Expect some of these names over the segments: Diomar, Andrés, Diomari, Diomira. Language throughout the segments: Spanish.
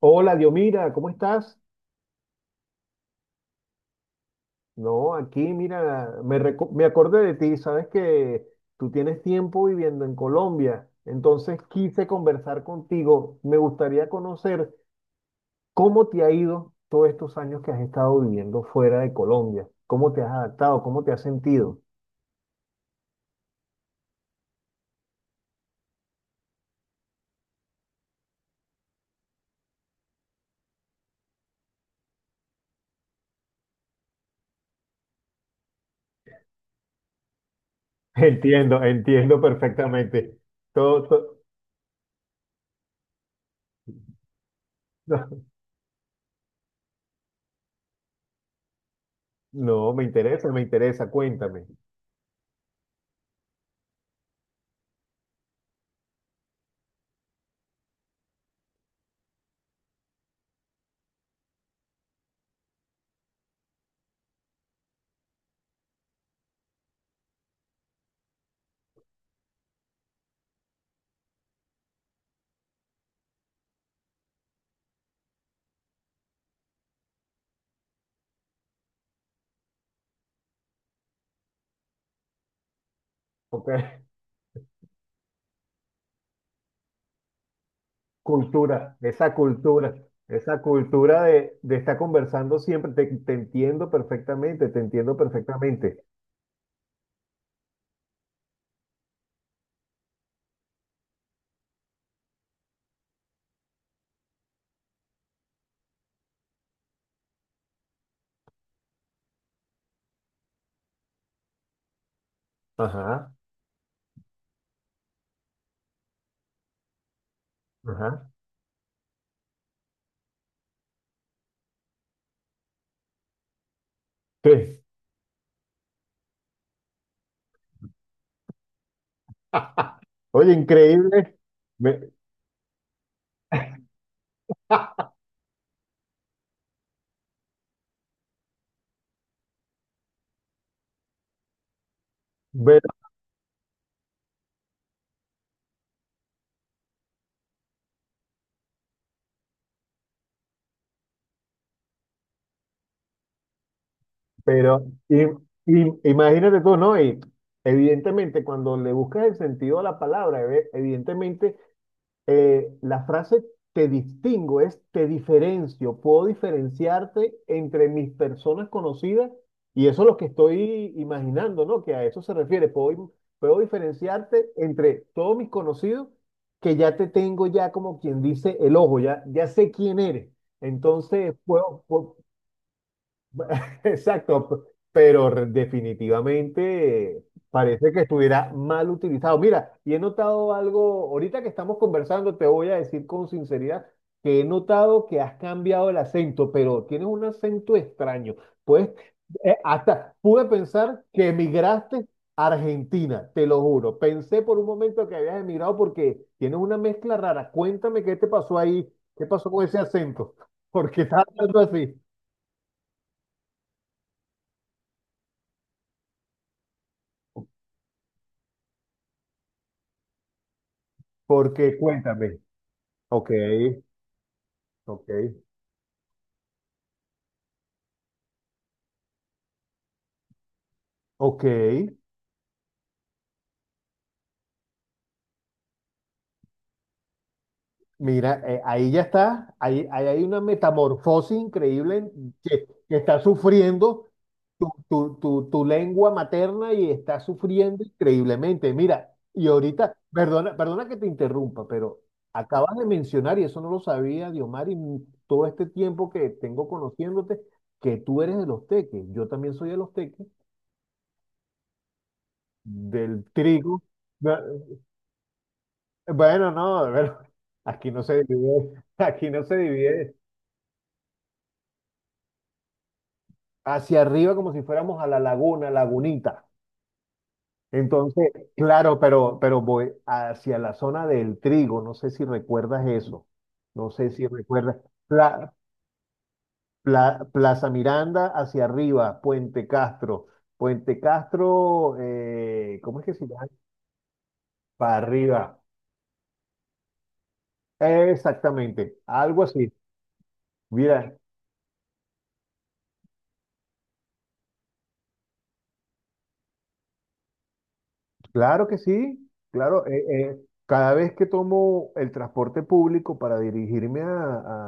Hola, Diomira, ¿cómo estás? No, aquí, mira, me acordé de ti, sabes que tú tienes tiempo viviendo en Colombia, entonces quise conversar contigo. Me gustaría conocer cómo te ha ido todos estos años que has estado viviendo fuera de Colombia, cómo te has adaptado, cómo te has sentido. Entiendo, entiendo perfectamente. Todo, todo- no, me interesa, cuéntame. Ok. Cultura, esa cultura, esa cultura de estar conversando siempre, te entiendo perfectamente, te entiendo perfectamente. Ajá, ajá. Sí. Oye, increíble. Me- Bueno, pero imagínate tú, ¿no? Y evidentemente, cuando le buscas el sentido a la palabra, evidentemente la frase te distingo es te diferencio, puedo diferenciarte entre mis personas conocidas y eso es lo que estoy imaginando, ¿no? Que a eso se refiere, puedo, puedo diferenciarte entre todos mis conocidos que ya te tengo ya como quien dice el ojo, ya, ya sé quién eres. Entonces puedo, pu- Exacto, pero definitivamente parece que estuviera mal utilizado. Mira, y he notado algo, ahorita que estamos conversando, te voy a decir con sinceridad que he notado que has cambiado el acento, pero tienes un acento extraño. Pues hasta pude pensar que emigraste a Argentina, te lo juro. Pensé por un momento que habías emigrado porque tienes una mezcla rara. Cuéntame qué te pasó ahí, qué pasó con ese acento, porque estás hablando así, porque cuéntame. Ok, ok, ok. Mira, ahí ya está, ahí, ahí hay una metamorfosis increíble que está sufriendo tu lengua materna y está sufriendo increíblemente. Mira, y ahorita, perdona, perdona que te interrumpa, pero acabas de mencionar, y eso no lo sabía, Diomar, todo este tiempo que tengo conociéndote, que tú eres de los teques, yo también soy de los teques, del trigo. Bueno, no, bueno, aquí no se divide, aquí no se divide hacia arriba como si fuéramos a la laguna, lagunita. Entonces, claro, pero voy hacia la zona del trigo, no sé si recuerdas eso, no sé si recuerdas. Pla- Plaza Miranda hacia arriba, Puente Castro, Puente Castro, ¿cómo es que se llama? Para arriba, exactamente, algo así. Mira, claro que sí, claro. Cada vez que tomo el transporte público para dirigirme a,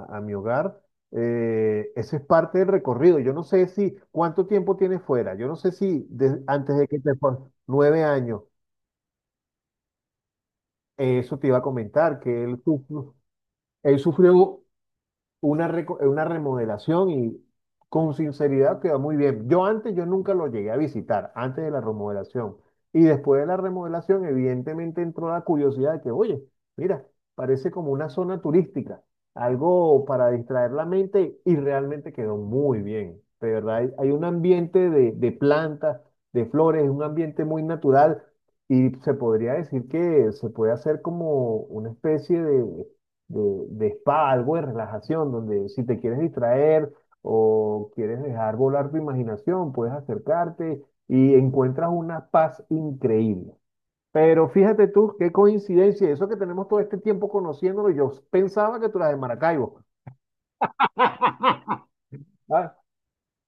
a- a mi hogar, eso es parte del recorrido. Yo no sé si cuánto tiempo tienes fuera. Yo no sé si de- antes de que te fue 9 años, eso te iba a comentar, que él sufrió una, una remodelación y con sinceridad quedó muy bien. Yo antes, yo nunca lo llegué a visitar, antes de la remodelación. Y después de la remodelación, evidentemente entró la curiosidad de que, oye, mira, parece como una zona turística, algo para distraer la mente y realmente quedó muy bien. De verdad, hay un ambiente de plantas, de flores, un ambiente muy natural y se podría decir que se puede hacer como una especie de de, spa, algo de relajación, donde si te quieres distraer o quieres dejar volar tu imaginación, puedes acercarte y encuentras una paz increíble. Pero fíjate tú, qué coincidencia, eso que tenemos todo este tiempo conociéndolo, yo pensaba que tú eras de Maracaibo. Ah,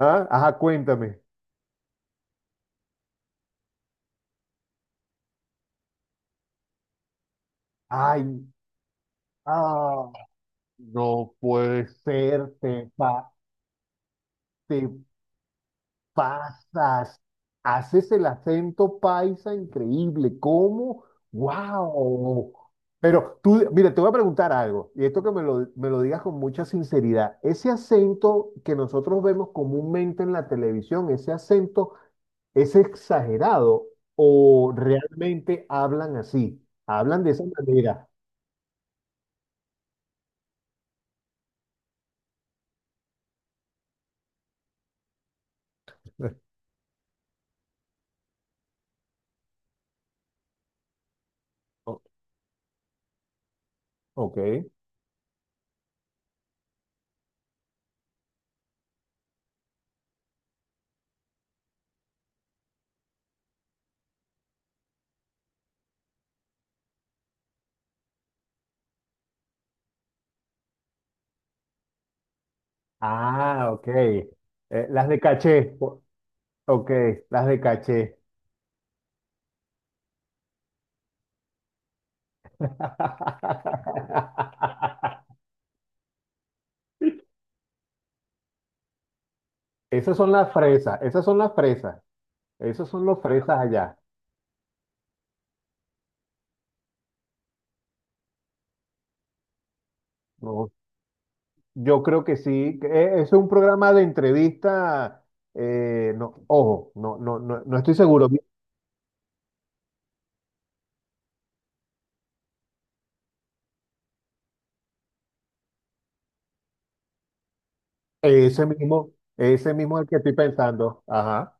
ah, ajá, cuéntame. Ay, ah, no puede ser, te pasas, haces el acento paisa increíble, ¿cómo? ¡Wow! Pero tú, mira, te voy a preguntar algo, y esto que me lo digas con mucha sinceridad, ese acento que nosotros vemos comúnmente en la televisión, ese acento es exagerado o realmente hablan así, hablan de esa manera. O- Ok. Ah, ok. Las de caché. O- Ok, las de caché. Esas son las fresas, esas son las fresas, esos son los fresas allá. No, yo creo que sí, que es un programa de entrevista, no, ojo, no, no, no, no estoy seguro. Ese mismo es el que estoy pensando. Ajá.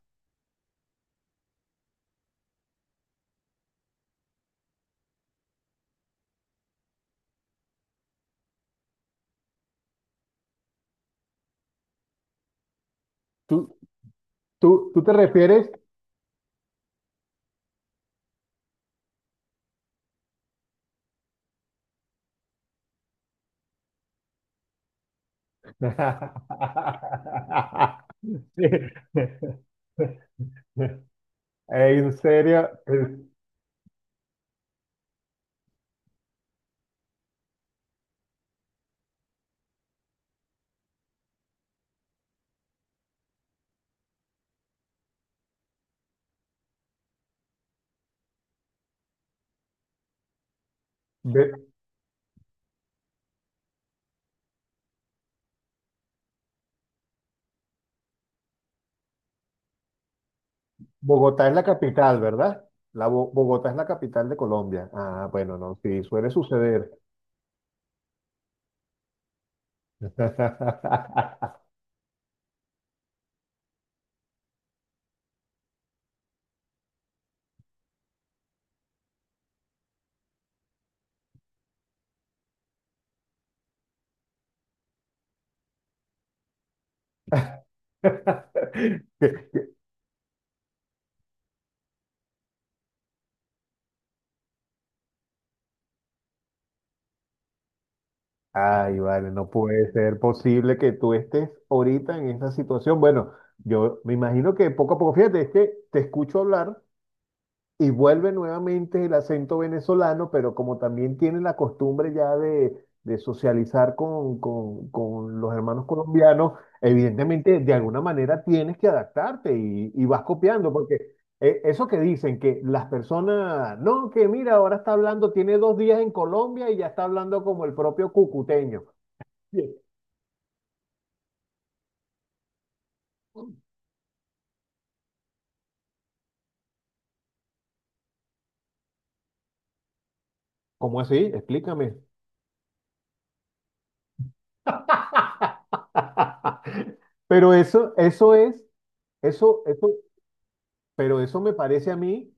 ¿Tú, ¿tú te refieres? Sí. En serio, ve- Bogotá es la capital, ¿verdad? La Bogotá es la capital de Colombia. Ah, bueno, no, sí, suele suceder. Ay, vale, no puede ser posible que tú estés ahorita en esa situación. Bueno, yo me imagino que poco a poco, fíjate, es que te escucho hablar y vuelve nuevamente el acento venezolano, pero como también tiene la costumbre ya de socializar con, con los hermanos colombianos, evidentemente de alguna manera tienes que adaptarte y vas copiando, porque eso que dicen que las personas, no, que mira, ahora está hablando, tiene 2 días en Colombia y ya está hablando como el propio cucuteño. Bien. ¿Cómo así? Explícame. Pero eso es, eso pero eso me parece a mí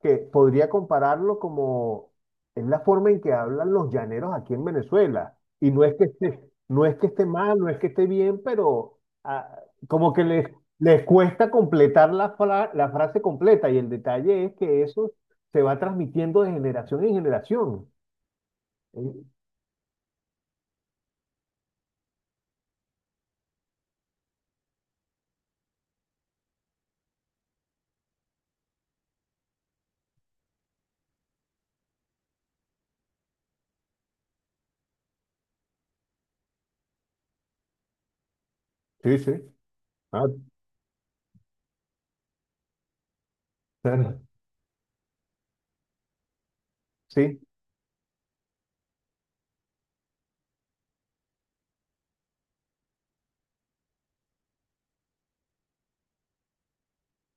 que podría compararlo como es la forma en que hablan los llaneros aquí en Venezuela. Y no es que esté, no es que esté mal, no es que esté bien, pero ah, como que les cuesta completar la frase completa. Y el detalle es que eso se va transmitiendo de generación en generación. Sí, sí. Ah, claro. Sí.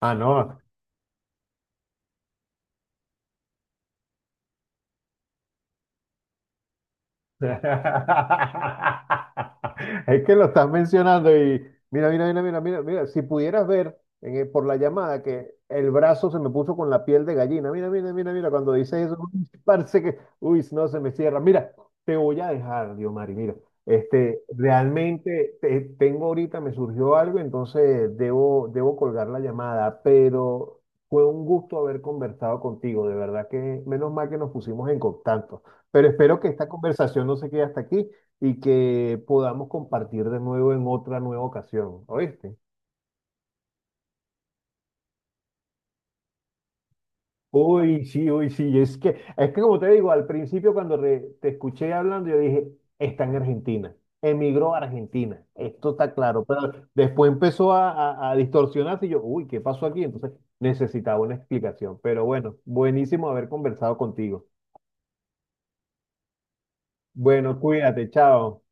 Ah, no. Es que lo estás mencionando y mira, mira, mira, mira, mira, mira, si pudieras ver en el- por la llamada que el brazo se me puso con la piel de gallina. Mira, mira, mira, mira, cuando dices eso, uy, parece que, uy, no se me cierra. Mira, te voy a dejar, Diomari, mira, este, tengo ahorita, me surgió algo, entonces debo, debo colgar la llamada, pero fue un gusto haber conversado contigo, de verdad que menos mal que nos pusimos en contacto. Pero espero que esta conversación no se quede hasta aquí y que podamos compartir de nuevo en otra nueva ocasión, ¿oíste? Uy, sí, es que como te digo, al principio cuando te escuché hablando, yo dije, está en Argentina, emigró a Argentina, esto está claro, pero después empezó a distorsionarse y yo, uy, ¿qué pasó aquí? Entonces necesitaba una explicación, pero bueno, buenísimo haber conversado contigo. Bueno, cuídate, chao.